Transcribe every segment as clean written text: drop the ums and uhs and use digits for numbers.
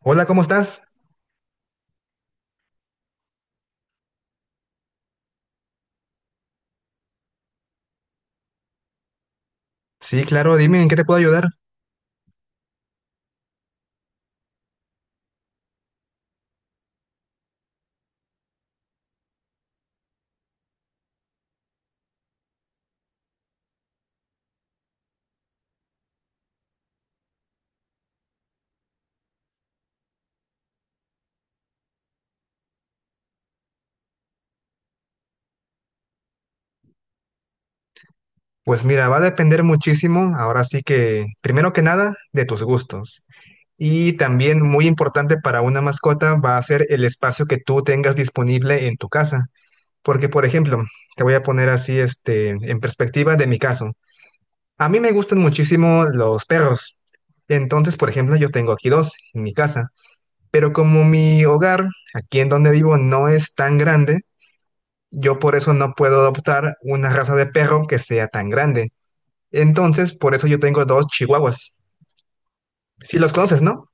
Hola, ¿cómo estás? Sí, claro, dime, ¿en qué te puedo ayudar? Pues mira, va a depender muchísimo, ahora sí que, primero que nada, de tus gustos. Y también muy importante para una mascota va a ser el espacio que tú tengas disponible en tu casa. Porque, por ejemplo, te voy a poner así, en perspectiva de mi caso. A mí me gustan muchísimo los perros. Entonces, por ejemplo, yo tengo aquí dos en mi casa. Pero como mi hogar, aquí en donde vivo, no es tan grande. Yo por eso no puedo adoptar una raza de perro que sea tan grande. Entonces, por eso yo tengo dos chihuahuas. Si los conoces, ¿no?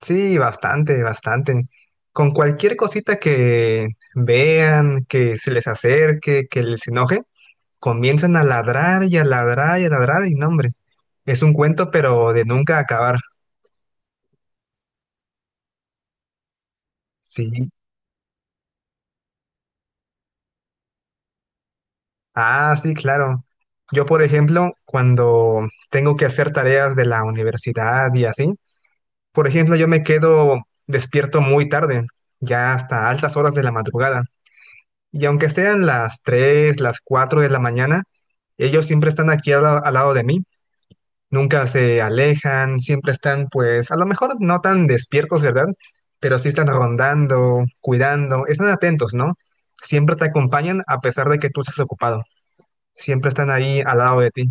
Sí, bastante, bastante. Con cualquier cosita que vean, que se les acerque, que les enoje, comienzan a ladrar y a ladrar y a ladrar y no, hombre. Es un cuento, pero de nunca acabar. Sí. Ah, sí, claro. Yo, por ejemplo, cuando tengo que hacer tareas de la universidad y así, por ejemplo, yo me quedo despierto muy tarde, ya hasta altas horas de la madrugada. Y aunque sean las 3, las 4 de la mañana, ellos siempre están aquí al lado de mí. Nunca se alejan, siempre están, pues, a lo mejor no tan despiertos, ¿verdad? Pero sí están rondando, cuidando, están atentos, ¿no? Siempre te acompañan a pesar de que tú estés ocupado. Siempre están ahí al lado de ti.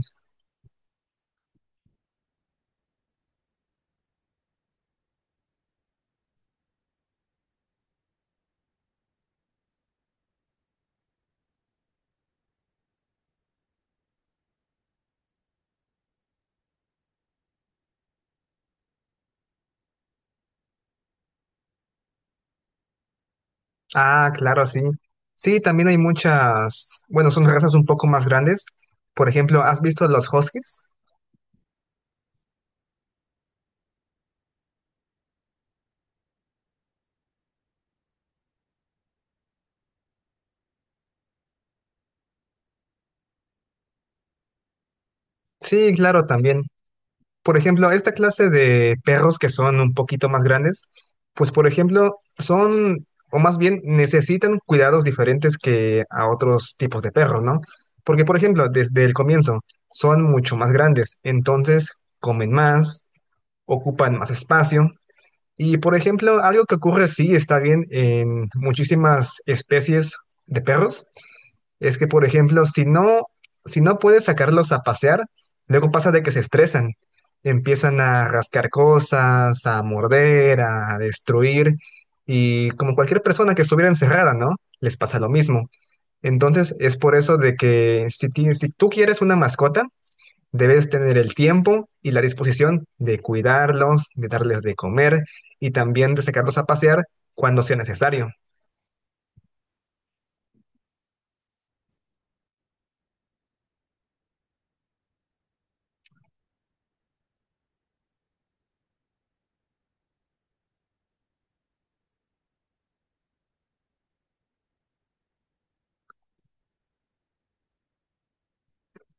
Ah, claro, sí. Sí, también hay muchas, bueno, son razas un poco más grandes. Por ejemplo, ¿has visto los huskies? Sí, claro, también. Por ejemplo, esta clase de perros que son un poquito más grandes, pues por ejemplo, son, o más bien necesitan cuidados diferentes que a otros tipos de perros, ¿no? Porque, por ejemplo, desde el comienzo son mucho más grandes, entonces comen más, ocupan más espacio. Y por ejemplo, algo que ocurre, sí, está bien en muchísimas especies de perros, es que por ejemplo, si no, si no puedes sacarlos a pasear, luego pasa de que se estresan, empiezan a rascar cosas, a morder, a destruir, y como cualquier persona que estuviera encerrada, ¿no? Les pasa lo mismo. Entonces, es por eso de que si tú quieres una mascota, debes tener el tiempo y la disposición de cuidarlos, de darles de comer y también de sacarlos a pasear cuando sea necesario.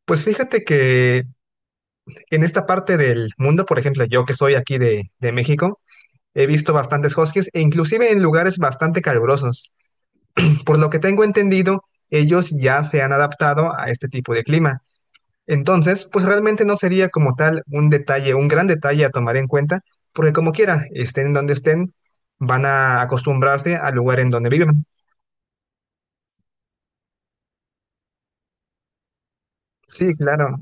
Pues fíjate que en esta parte del mundo, por ejemplo, yo que soy aquí de México, he visto bastantes huskies e inclusive en lugares bastante calurosos. Por lo que tengo entendido, ellos ya se han adaptado a este tipo de clima. Entonces, pues realmente no sería como tal un detalle, un gran detalle a tomar en cuenta, porque como quiera, estén donde estén, van a acostumbrarse al lugar en donde viven. Sí, claro.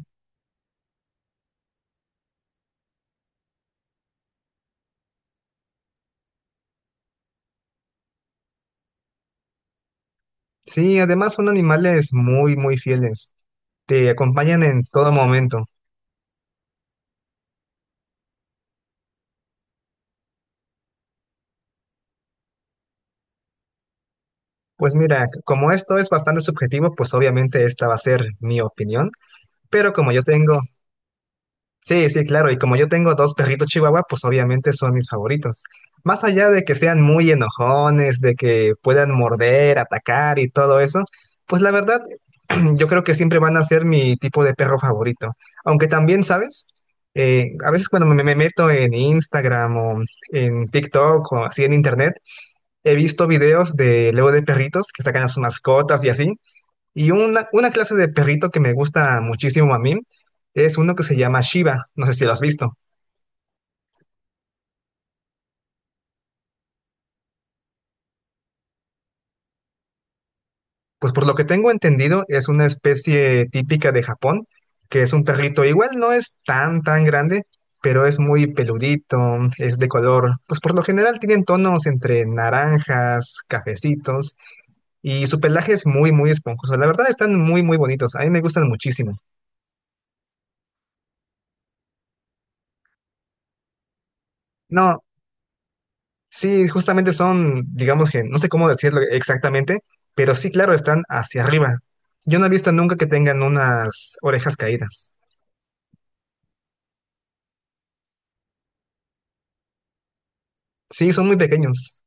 Sí, además son animales muy, muy fieles. Te acompañan en todo momento. Pues mira, como esto es bastante subjetivo, pues obviamente esta va a ser mi opinión, pero como yo tengo, sí, sí, claro. Y como yo tengo dos perritos chihuahua, pues obviamente son mis favoritos. Más allá de que sean muy enojones, de que puedan morder, atacar y todo eso, pues la verdad, yo creo que siempre van a ser mi tipo de perro favorito. Aunque también, ¿sabes? A veces cuando me meto en Instagram o en TikTok o así en internet, he visto videos de luego de perritos que sacan a sus mascotas y así. Y una clase de perrito que me gusta muchísimo a mí es uno que se llama Shiba, no sé si lo has visto. Pues por lo que tengo entendido es una especie típica de Japón, que es un perrito igual no es tan tan grande, pero es muy peludito, es de color, pues por lo general tienen tonos entre naranjas, cafecitos y su pelaje es muy muy esponjoso. La verdad están muy muy bonitos, a mí me gustan muchísimo. No, sí, justamente son, digamos que, no sé cómo decirlo exactamente, pero sí, claro, están hacia arriba. Yo no he visto nunca que tengan unas orejas caídas. Sí, son muy pequeños.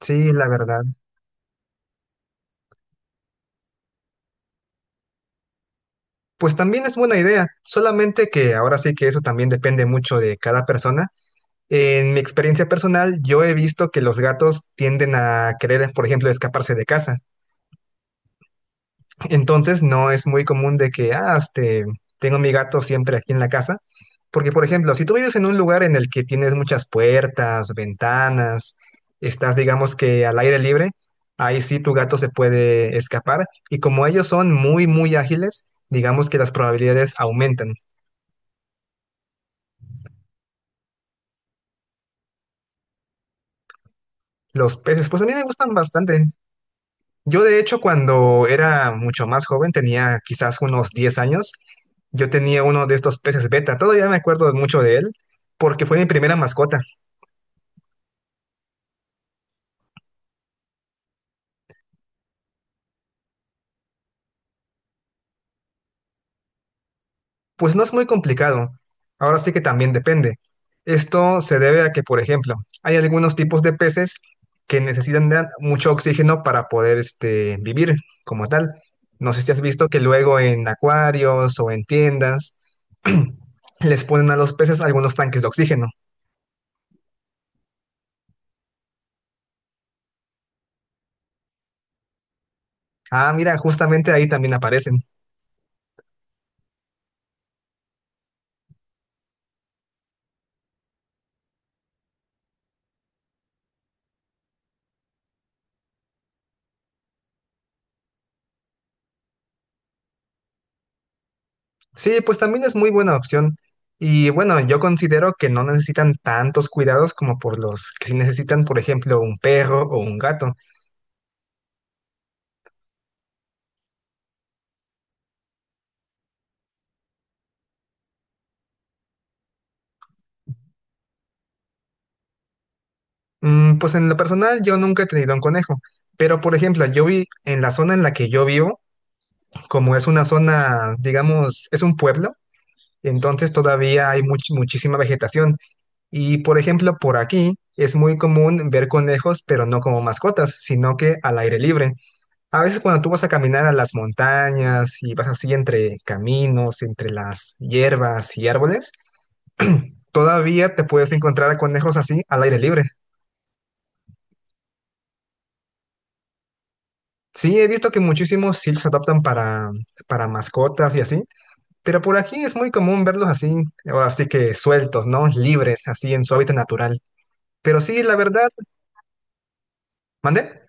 Sí, la verdad. Pues también es buena idea, solamente que ahora sí que eso también depende mucho de cada persona. En mi experiencia personal, yo he visto que los gatos tienden a querer, por ejemplo, escaparse de casa. Entonces no es muy común de que, tengo mi gato siempre aquí en la casa, porque por ejemplo, si tú vives en un lugar en el que tienes muchas puertas, ventanas, estás digamos que al aire libre, ahí sí tu gato se puede escapar y como ellos son muy, muy ágiles, digamos que las probabilidades aumentan. Los peces, pues a mí me gustan bastante. Yo de hecho cuando era mucho más joven, tenía quizás unos 10 años, yo tenía uno de estos peces beta, todavía me acuerdo mucho de él, porque fue mi primera mascota. Pues no es muy complicado, ahora sí que también depende. Esto se debe a que, por ejemplo, hay algunos tipos de peces que necesitan de mucho oxígeno para poder vivir como tal. No sé si has visto que luego en acuarios o en tiendas les ponen a los peces algunos tanques de oxígeno. Ah, mira, justamente ahí también aparecen. Sí, pues también es muy buena opción. Y bueno, yo considero que no necesitan tantos cuidados como por los que sí necesitan, por ejemplo, un perro o un gato. Mm, pues en lo personal, yo nunca he tenido un conejo. Pero, por ejemplo, yo vi en la zona en la que yo vivo, como es una zona, digamos, es un pueblo, entonces todavía hay muchísima vegetación. Y, por ejemplo, por aquí es muy común ver conejos, pero no como mascotas, sino que al aire libre. A veces cuando tú vas a caminar a las montañas y vas así entre caminos, entre las hierbas y árboles, todavía te puedes encontrar a conejos así al aire libre. Sí, he visto que muchísimos sí los adoptan para mascotas y así, pero por aquí es muy común verlos así, ahora sí que sueltos, ¿no? Libres, así en su hábitat natural. Pero sí, la verdad, ¿mandé?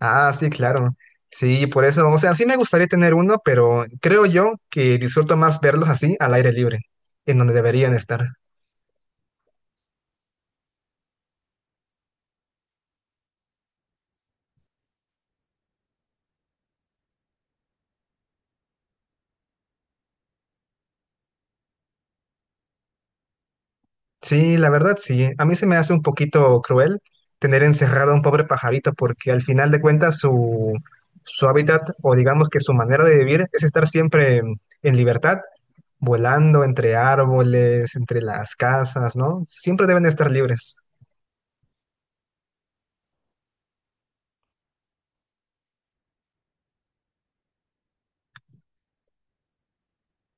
Ah, sí, claro. Sí, por eso, o sea, sí me gustaría tener uno, pero creo yo que disfruto más verlos así al aire libre, en donde deberían estar. Sí, la verdad, sí. A mí se me hace un poquito cruel tener encerrado a un pobre pajarito porque al final de cuentas su, su hábitat o digamos que su manera de vivir es estar siempre en libertad, volando entre árboles, entre las casas, ¿no? Siempre deben estar libres.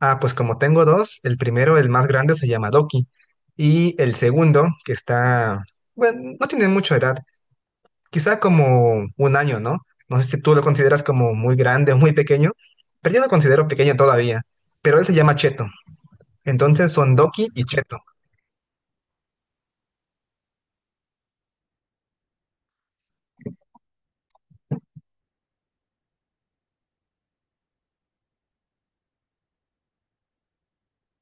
Ah, pues como tengo dos, el primero, el más grande, se llama Doki. Y el segundo, que está, bueno, no tiene mucha edad, quizá como un año, ¿no? No sé si tú lo consideras como muy grande o muy pequeño, pero yo lo considero pequeño todavía. Pero él se llama Cheto. Entonces son Doki y Cheto.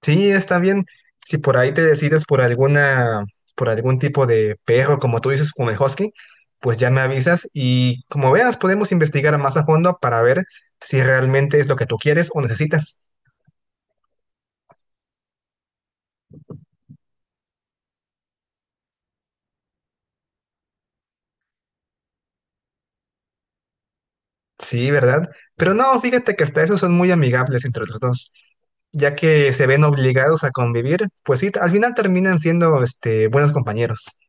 Sí, está bien. Si por ahí te decides por alguna, por algún tipo de perro, como tú dices, como el husky, pues ya me avisas y como veas, podemos investigar más a fondo para ver si realmente es lo que tú quieres o necesitas. Sí, ¿verdad? Pero no, fíjate que hasta esos son muy amigables entre los dos, ya que se ven obligados a convivir, pues sí, al final terminan siendo, buenos compañeros.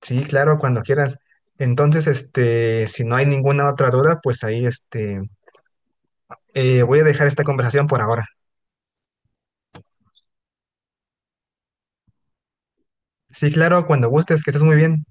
Sí, claro, cuando quieras. Entonces, si no hay ninguna otra duda, pues ahí, voy a dejar esta conversación por ahora. Sí, claro, cuando gustes, que estés muy bien.